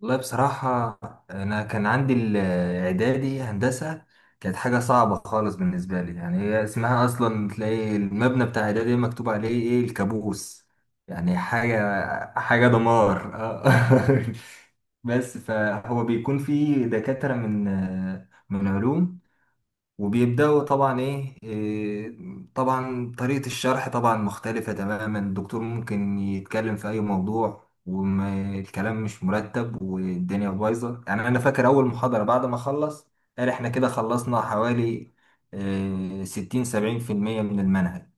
والله بصراحة، أنا كان عندي الإعدادي هندسة. كانت حاجة صعبة خالص بالنسبة لي، يعني هي اسمها أصلا تلاقي المبنى بتاع إعدادي مكتوب عليه إيه؟ الكابوس. يعني حاجة دمار آه. بس فهو بيكون فيه دكاترة من علوم، وبيبدأوا طبعا ايه إيه، طبعا طريقة الشرح طبعا مختلفة تماما. الدكتور ممكن يتكلم في اي موضوع والكلام مش مرتب والدنيا بايظة. يعني انا فاكر اول محاضرة بعد ما خلص قال احنا كده خلصنا حوالي ستين سبعين في المية من المنهج.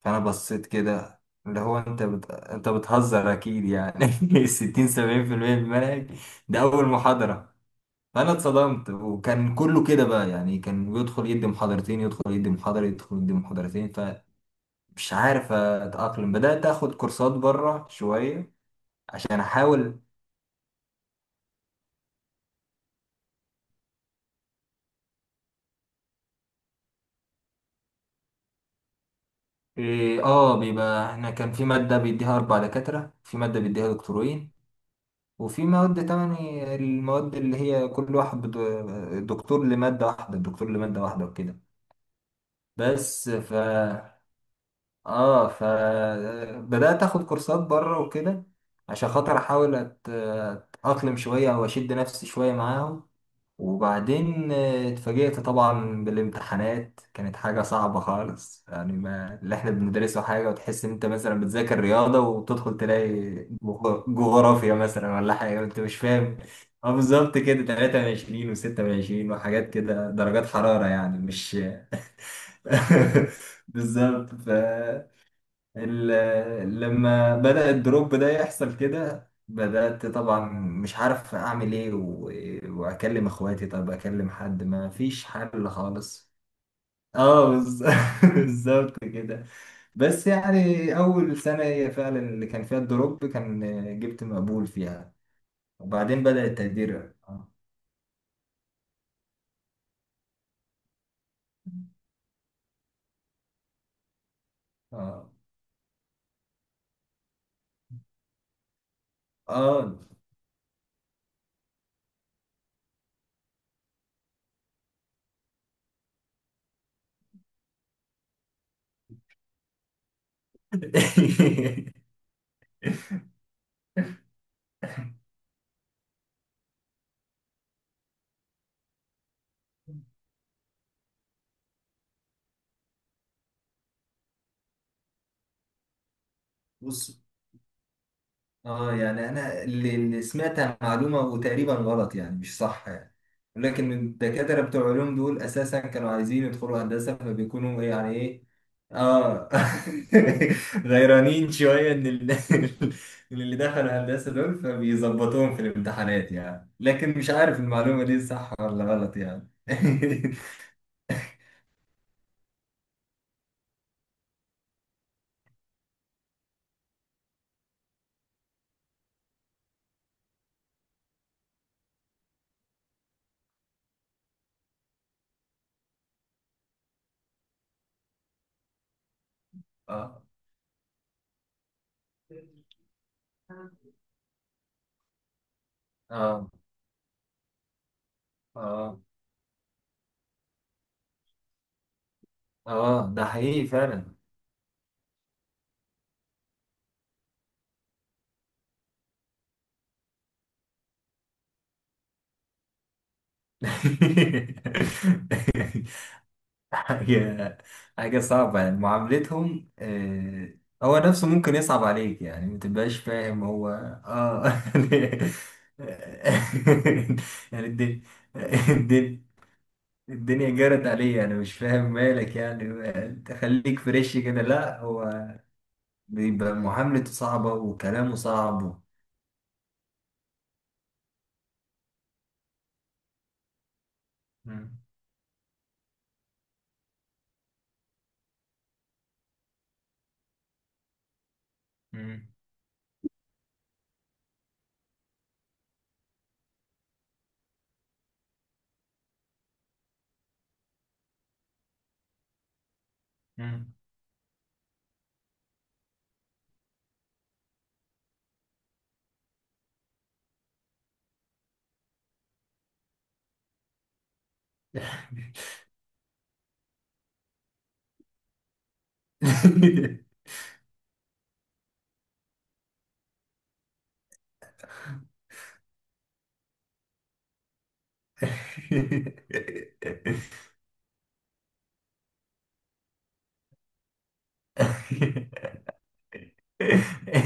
فانا بصيت كده، اللي هو انت بتهزر اكيد يعني. ستين سبعين في المية من المنهج، ده اول محاضرة. فانا اتصدمت، وكان كله كده بقى، يعني كان بيدخل يدي محاضرتين، يدخل يدي محاضرة، يدخل يدي محاضرتين. فمش عارف اتأقلم، بدأت اخد كورسات بره شوية عشان احاول. إيه، اه بيبقى احنا كان في مادة بيديها اربع دكاترة، في مادة بيديها دكتورين، وفي مواد تمني المواد اللي هي كل واحد دكتور لمادة واحدة، دكتور لمادة واحدة وكده. بس ف اه، فبدأت اخد كورسات بره وكده، عشان خاطر احاول اتأقلم شوية او اشد نفسي شوية معاهم. وبعدين اتفاجئت طبعا بالامتحانات، كانت حاجة صعبة خالص. يعني ما اللي احنا بندرسه حاجة، وتحس ان انت مثلا بتذاكر رياضة وتدخل تلاقي جغرافيا مثلا ولا حاجة انت مش فاهم. اه بالظبط كده، 23 و26 وحاجات كده، درجات حرارة يعني، مش بالظبط. ف لما بدأ الدروب ده يحصل كده، بدأت طبعا مش عارف أعمل إيه، وأكلم إخواتي، طب أكلم حد، ما فيش حل خالص. آه بالظبط كده. بس يعني أول سنة هي فعلا اللي كان فيها الدروب، كان جبت مقبول فيها. وبعدين بدأ التقدير آه. آه آه. بص، اه يعني انا اللي سمعتها معلومه وتقريبا غلط يعني، مش صح يعني، لكن الدكاتره بتوع علوم دول اساسا كانوا عايزين يدخلوا هندسه، فبيكونوا يعني ايه، اه، غيرانين شويه ان من اللي دخلوا هندسه دول، فبيظبطوهم في الامتحانات يعني. لكن مش عارف المعلومه دي صح ولا غلط يعني. اه، اه، اه، اه ده حقيقي فعلا. حاجة حاجة صعبة يعني معاملتهم آه، هو نفسه ممكن يصعب عليك يعني ما تبقاش فاهم هو. اه، يعني الدنيا، الدنيا، الدنيا جرت عليا، انا مش فاهم مالك يعني تخليك فريش كده. لا هو بيبقى معاملته صعبة وكلامه صعب. مم. مم. مم.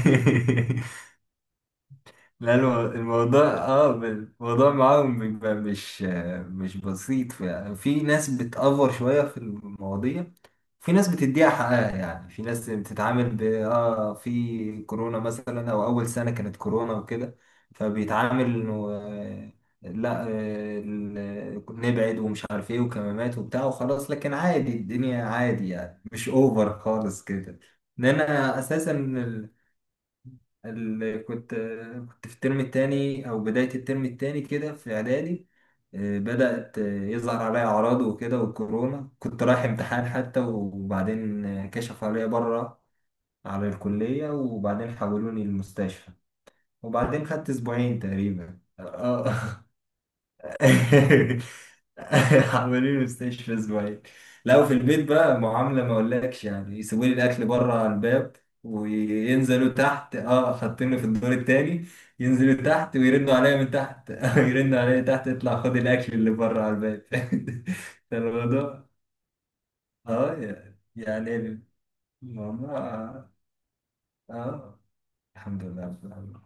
لا الموضوع اه الموضوع معاهم بيبقى مش مش بسيط. في, في ناس بتأفور شوية في المواضيع، في ناس بتديها حقها يعني، في ناس بتتعامل ب اه، في كورونا مثلا او اول سنة كانت كورونا وكده، فبيتعامل انه آه، لا آه، نبعد ومش عارف ايه وكمامات وبتاع وخلاص، لكن عادي الدنيا عادي يعني مش اوفر خالص كده. ان انا اساسا اللي كنت، كنت في الترم التاني أو بداية الترم التاني كده في إعدادي، بدأت يظهر عليا أعراض وكده والكورونا، كنت رايح امتحان حتى، وبعدين كشفوا عليا بره على الكلية وبعدين حولوني المستشفى. وبعدين خدت أسبوعين تقريبا آه. عاملين مستشفى اسبوعين. لا وفي البيت بقى معاملة ما اقولكش يعني، يسيبوا لي الاكل بره على الباب وينزلوا تحت، اه حاطيني في الدور التاني، ينزلوا تحت ويرنوا عليا من تحت، يرنوا عليا تحت اطلع خد الاكل اللي بره على الباب. ده الموضوع اه، يعني الموضوع اه الحمد لله رب العالمين.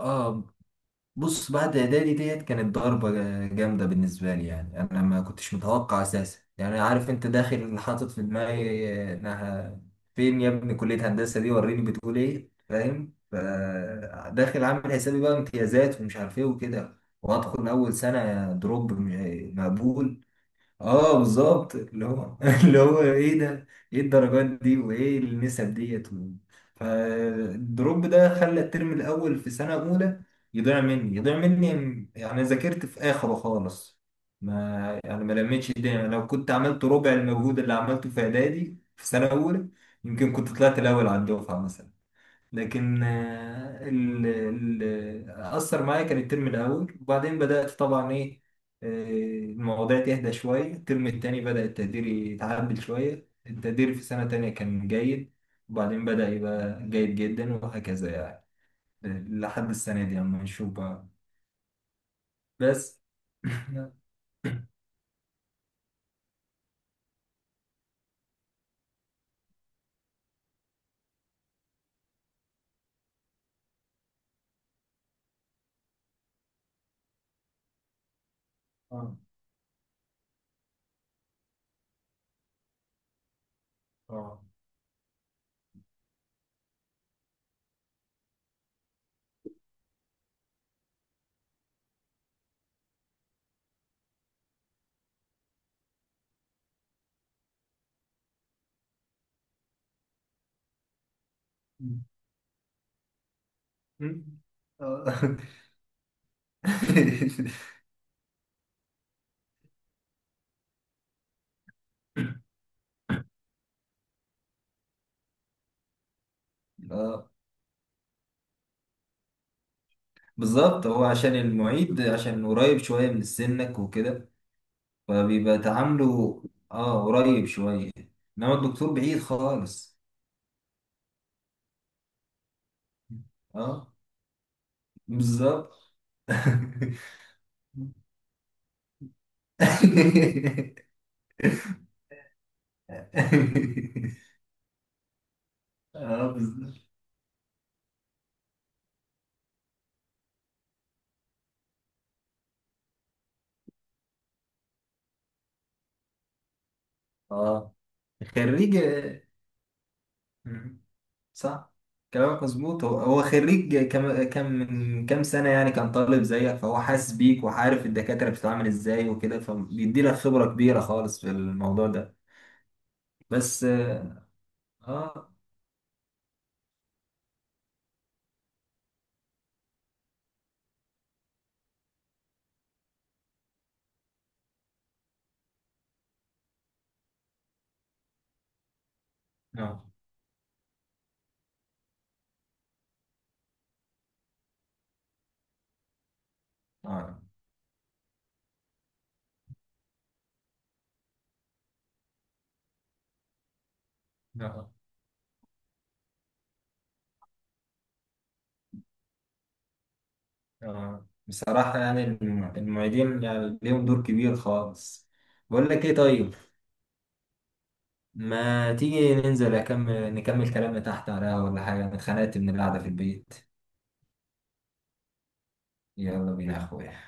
اه بص، بعد اعدادي ديت كانت ضربة جامدة بالنسبة لي. يعني انا ما كنتش متوقع اساسا، يعني عارف انت داخل حاطط في دماغي انها، فين يا ابني كلية هندسة دي وريني بتقول ايه، فاهم؟ فداخل عامل حسابي بقى امتيازات ومش عارف ايه وكده، وادخل اول سنة دروب مقبول. اه بالظبط اللي هو، اللي هو ايه ده؟ ايه الدرجات دي وايه النسب ديت و-. فالدروب ده خلى الترم الاول في سنه اولى يضيع مني، يضيع مني يعني، ذاكرت في اخره خالص. ما يعني ما لميتش الدنيا، لو كنت عملت ربع المجهود اللي عملته في اعدادي في سنه اولى يمكن كنت طلعت الاول على الدفعه مثلا. لكن آه، أثر معايا كان الترم الأول. وبعدين بدأت طبعا إيه، آه، المواضيع تهدى شوية، الترم التاني بدأ التقدير يتعدل شوية، التقدير في سنة تانية كان جيد، وبعدين بدأ يبقى جيد جدا وهكذا يعني، لحد السنة دي أما نشوف بقى. بس آه، آه، مم. آه. اه بالظبط، هو عشان المعيد عشان قريب شوية من سنك وكده، فبيبقى تعامله اه قريب شوية، انما الدكتور بعيد خالص. اه بالظبط. اه بالظبط. اه خريج. مم. صح، كلامك مظبوط. هو هو خريج كم من كام سنة يعني، كان طالب زيك، فهو حاسس بيك وعارف الدكاترة بتتعامل ازاي وكده، فبيدي لك خبرة كبيرة خالص في الموضوع ده. بس اه، اه، آه. آه. آه. آه. بصراحة يعني المعيدين يعني ليهم دور كبير خالص. بقول لك ايه طيب، ما تيجي ننزل أكمل نكمل كلامنا تحت على القهوة ولا حاجة؟ أنا اتخنقت من القعدة في البيت. يلا بينا يا أخويا.